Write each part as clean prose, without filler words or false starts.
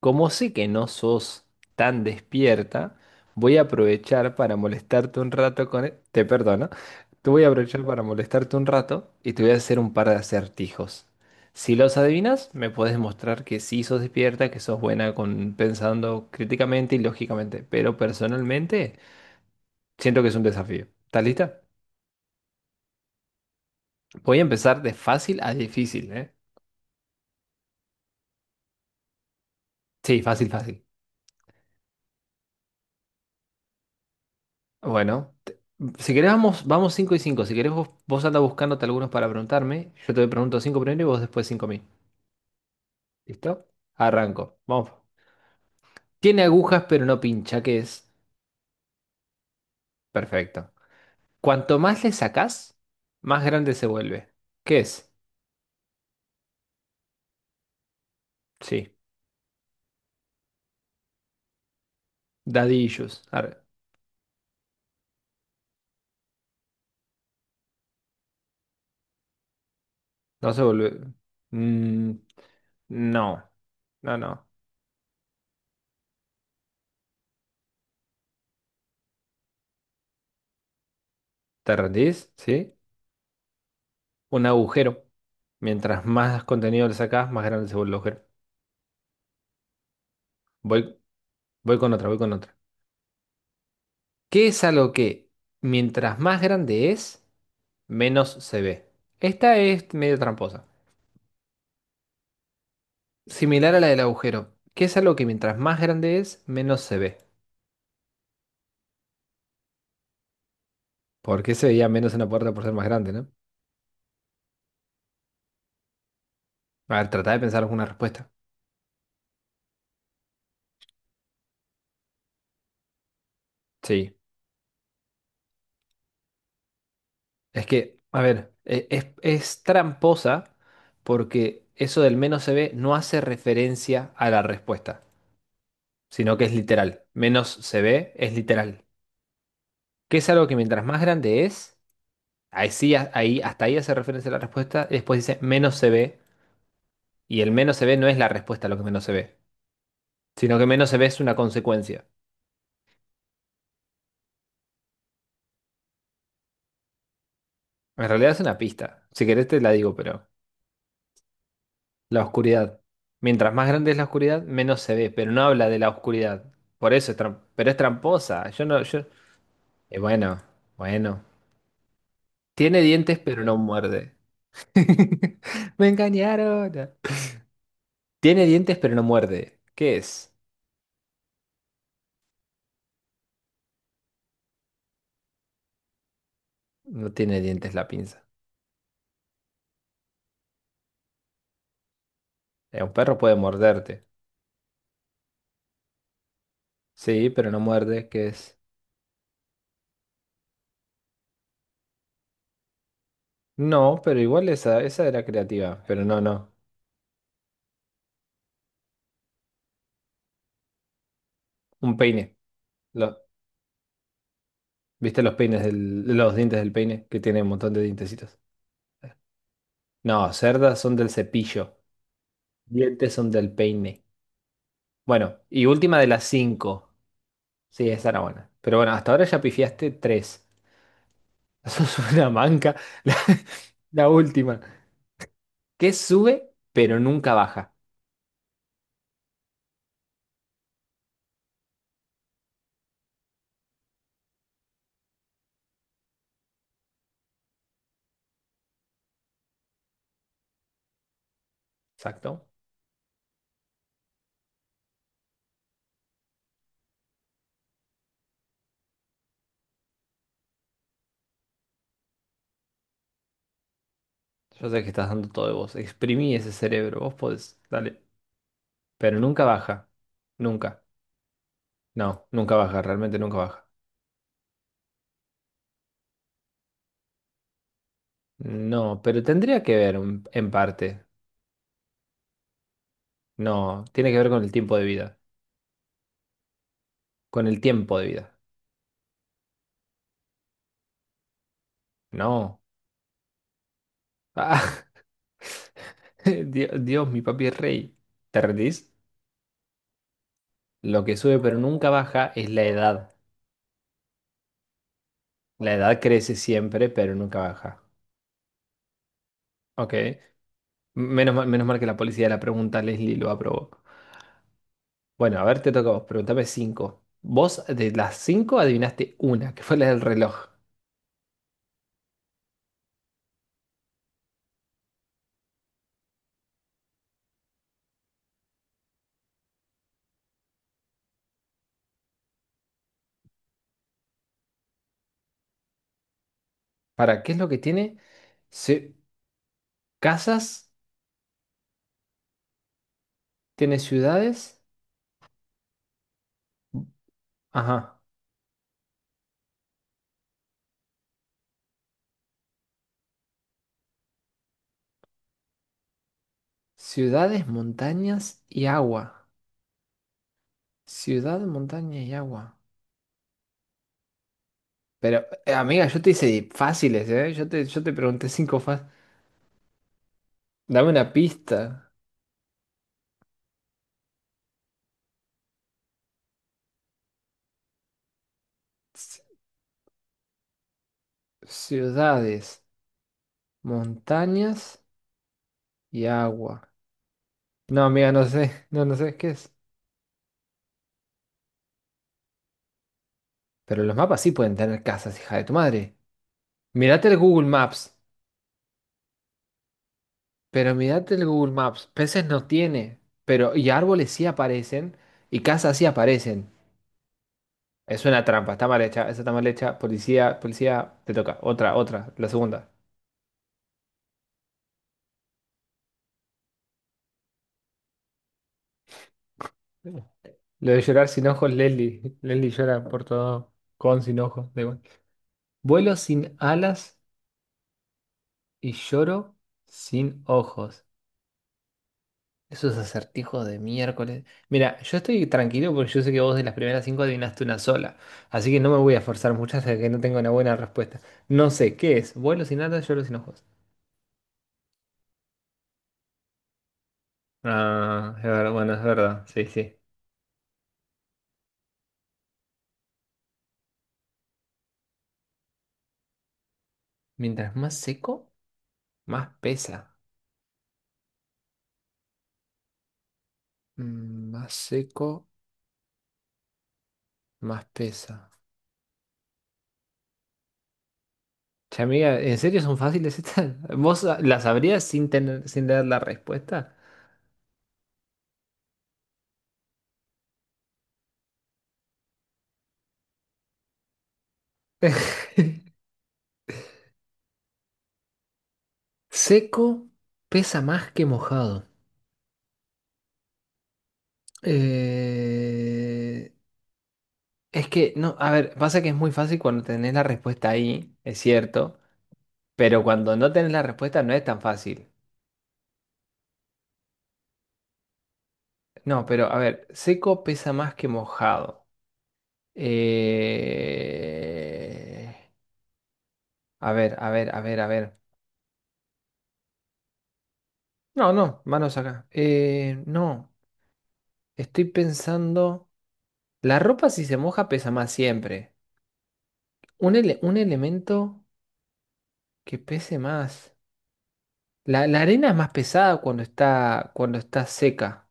Como sé que no sos tan despierta, voy a aprovechar para molestarte un rato con... Te perdono. Te voy a aprovechar para molestarte un rato y te voy a hacer un par de acertijos. Si los adivinas, me puedes mostrar que sí sos despierta, que sos buena con pensando críticamente y lógicamente. Pero personalmente, siento que es un desafío. ¿Estás lista? Voy a empezar de fácil a difícil, ¿eh? Sí, fácil, fácil. Bueno. Si querés, vamos 5 y 5. Si querés, vos anda buscándote algunos para preguntarme. Yo te pregunto cinco primero y vos después 5 a mí. ¿Listo? Arranco. Vamos. Tiene agujas, pero no pincha, ¿qué es? Perfecto. Cuanto más le sacás, más grande se vuelve. ¿Qué es? Sí. Daddy issues. Arre. No se vuelve. Mm, no. No, no. ¿Te rendís? ¿Sí? Un agujero. Mientras más contenido le sacás, más grande se vuelve el agujero. Voy, voy con otra, voy con otra. ¿Qué es algo que mientras más grande es, menos se ve? Esta es medio tramposa. Similar a la del agujero. ¿Qué es algo que mientras más grande es, menos se ve? ¿Por qué se veía menos una puerta por ser más grande, no? A ver, tratá de pensar alguna respuesta. Sí. Es que, a ver, es tramposa porque eso del menos se ve no hace referencia a la respuesta, sino que es literal. Menos se ve es literal. ¿Qué es algo que mientras más grande es? Ahí sí, ahí, hasta ahí hace referencia la respuesta. Y después dice menos se ve. Y el menos se ve no es la respuesta a lo que menos se ve, sino que menos se ve es una consecuencia. En realidad es una pista. Si querés te la digo, pero la oscuridad. Mientras más grande es la oscuridad, menos se ve, pero no habla de la oscuridad. Por eso es pero es tramposa. Yo no, yo. Eh, bueno, bueno. Tiene dientes, pero no muerde. Me engañaron. Tiene dientes, pero no muerde. ¿Qué es? No tiene dientes la pinza. Un perro puede morderte. Sí, pero no muerde, que es. No, pero igual esa, esa era creativa, pero no, no. Un peine. Lo- ¿Viste los peines los dientes del peine? Que tiene un montón de dientecitos. No, cerdas son del cepillo. Dientes son del peine. Bueno, y última de las cinco. Sí, esa era buena. Pero bueno, hasta ahora ya pifiaste tres. Sos una manca. La, la última. Que sube, pero nunca baja. Exacto. Yo sé que estás dando todo de vos. Exprimí ese cerebro. Vos podés. Dale. Pero nunca baja. Nunca. No, nunca baja, realmente nunca baja. No, pero tendría que ver en parte. No, tiene que ver con el tiempo de vida. Con el tiempo de vida. No. Ah, Dios, Dios, mi papi es rey. ¿Te rendís? Lo que sube pero nunca baja es la edad. La edad crece siempre, pero nunca baja. Ok. Menos mal que la policía de la pregunta, Leslie, lo aprobó. Bueno, a ver, te toca a vos. Pregúntame cinco. Vos de las cinco adivinaste una, que fue la del reloj. ¿Para qué es lo que tiene? Se- Casas, tiene ciudades, ajá, ciudades, montañas y agua. Ciudad, montaña y agua. Pero, amiga, yo te hice fáciles, ¿eh? Yo te pregunté cinco fáciles. Dame una pista. Ci- Ciudades, montañas y agua. No, amiga, no sé, no, no sé qué es. Pero los mapas sí pueden tener casas, hija de tu madre. Mírate el Google Maps. Pero mirate el Google Maps, peces no tiene, pero y árboles sí aparecen y casas sí aparecen. Es una trampa, está mal hecha, esa está mal hecha. Policía, policía, te toca. Otra, otra, la segunda. Lo de llorar sin ojos, Leslie. Leslie llora por todo, con sin ojos, da igual. Vuelo sin alas y lloro sin ojos. Esos acertijos de miércoles. Mira, yo estoy tranquilo porque yo sé que vos de las primeras cinco adivinaste una sola. Así que no me voy a forzar mucho hasta que no tenga una buena respuesta. No sé, ¿qué es? ¿Vuelo sin alas, yo sin ojos? Ah, es bueno, es verdad. Sí, sí. Mientras más seco, más pesa. Mm, más seco, más pesa. Che, amiga, ¿en serio son fáciles estas? ¿Vos las sabrías sin tener, sin leer la respuesta? Seco pesa más que mojado. Eh, no, a ver, pasa que es muy fácil cuando tenés la respuesta ahí, es cierto, pero cuando no tenés la respuesta no es tan fácil. No, pero a ver, seco pesa más que mojado. Eh, a ver, a ver, a ver, a ver. No, no, manos acá. No, estoy pensando, la ropa si se moja pesa más siempre. Un un elemento que pese más. La arena es más pesada cuando está seca.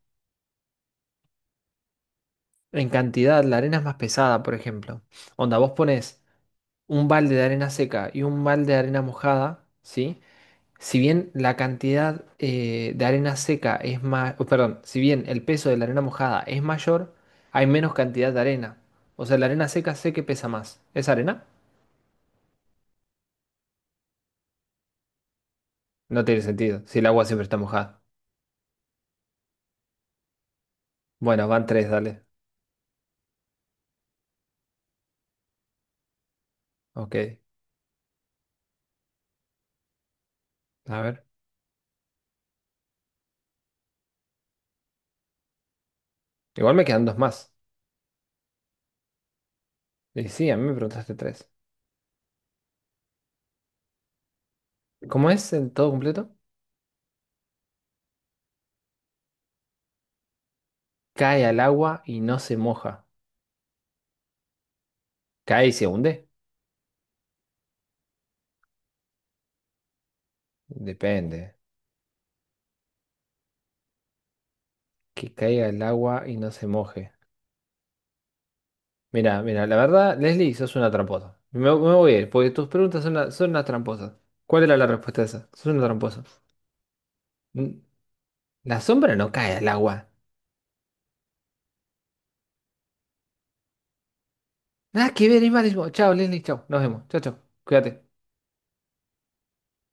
En cantidad, la arena es más pesada, por ejemplo. Onda, vos pones un balde de arena seca y un balde de arena mojada, ¿sí? Si bien la cantidad de arena seca es más, perdón, si bien el peso de la arena mojada es mayor, hay menos cantidad de arena. O sea, la arena seca sé que pesa más. ¿Es arena? No tiene sentido, si el agua siempre está mojada. Bueno, van tres, dale. Ok, a ver. Igual me quedan dos más. Y sí, a mí me preguntaste tres. ¿Cómo es el todo completo? Cae al agua y no se moja. ¿Cae y se hunde? Depende. Que caiga al agua y no se moje. Mira, mira, la verdad, Leslie, sos una tramposa. Me voy a ir, porque tus preguntas son, son unas tramposas. ¿Cuál era la respuesta a esa? Sos una tramposa. Mm, la sombra no cae al agua. Nada que ver, es malísimo. Chao, Leslie, chao. Nos vemos. Chao, chao. Cuídate.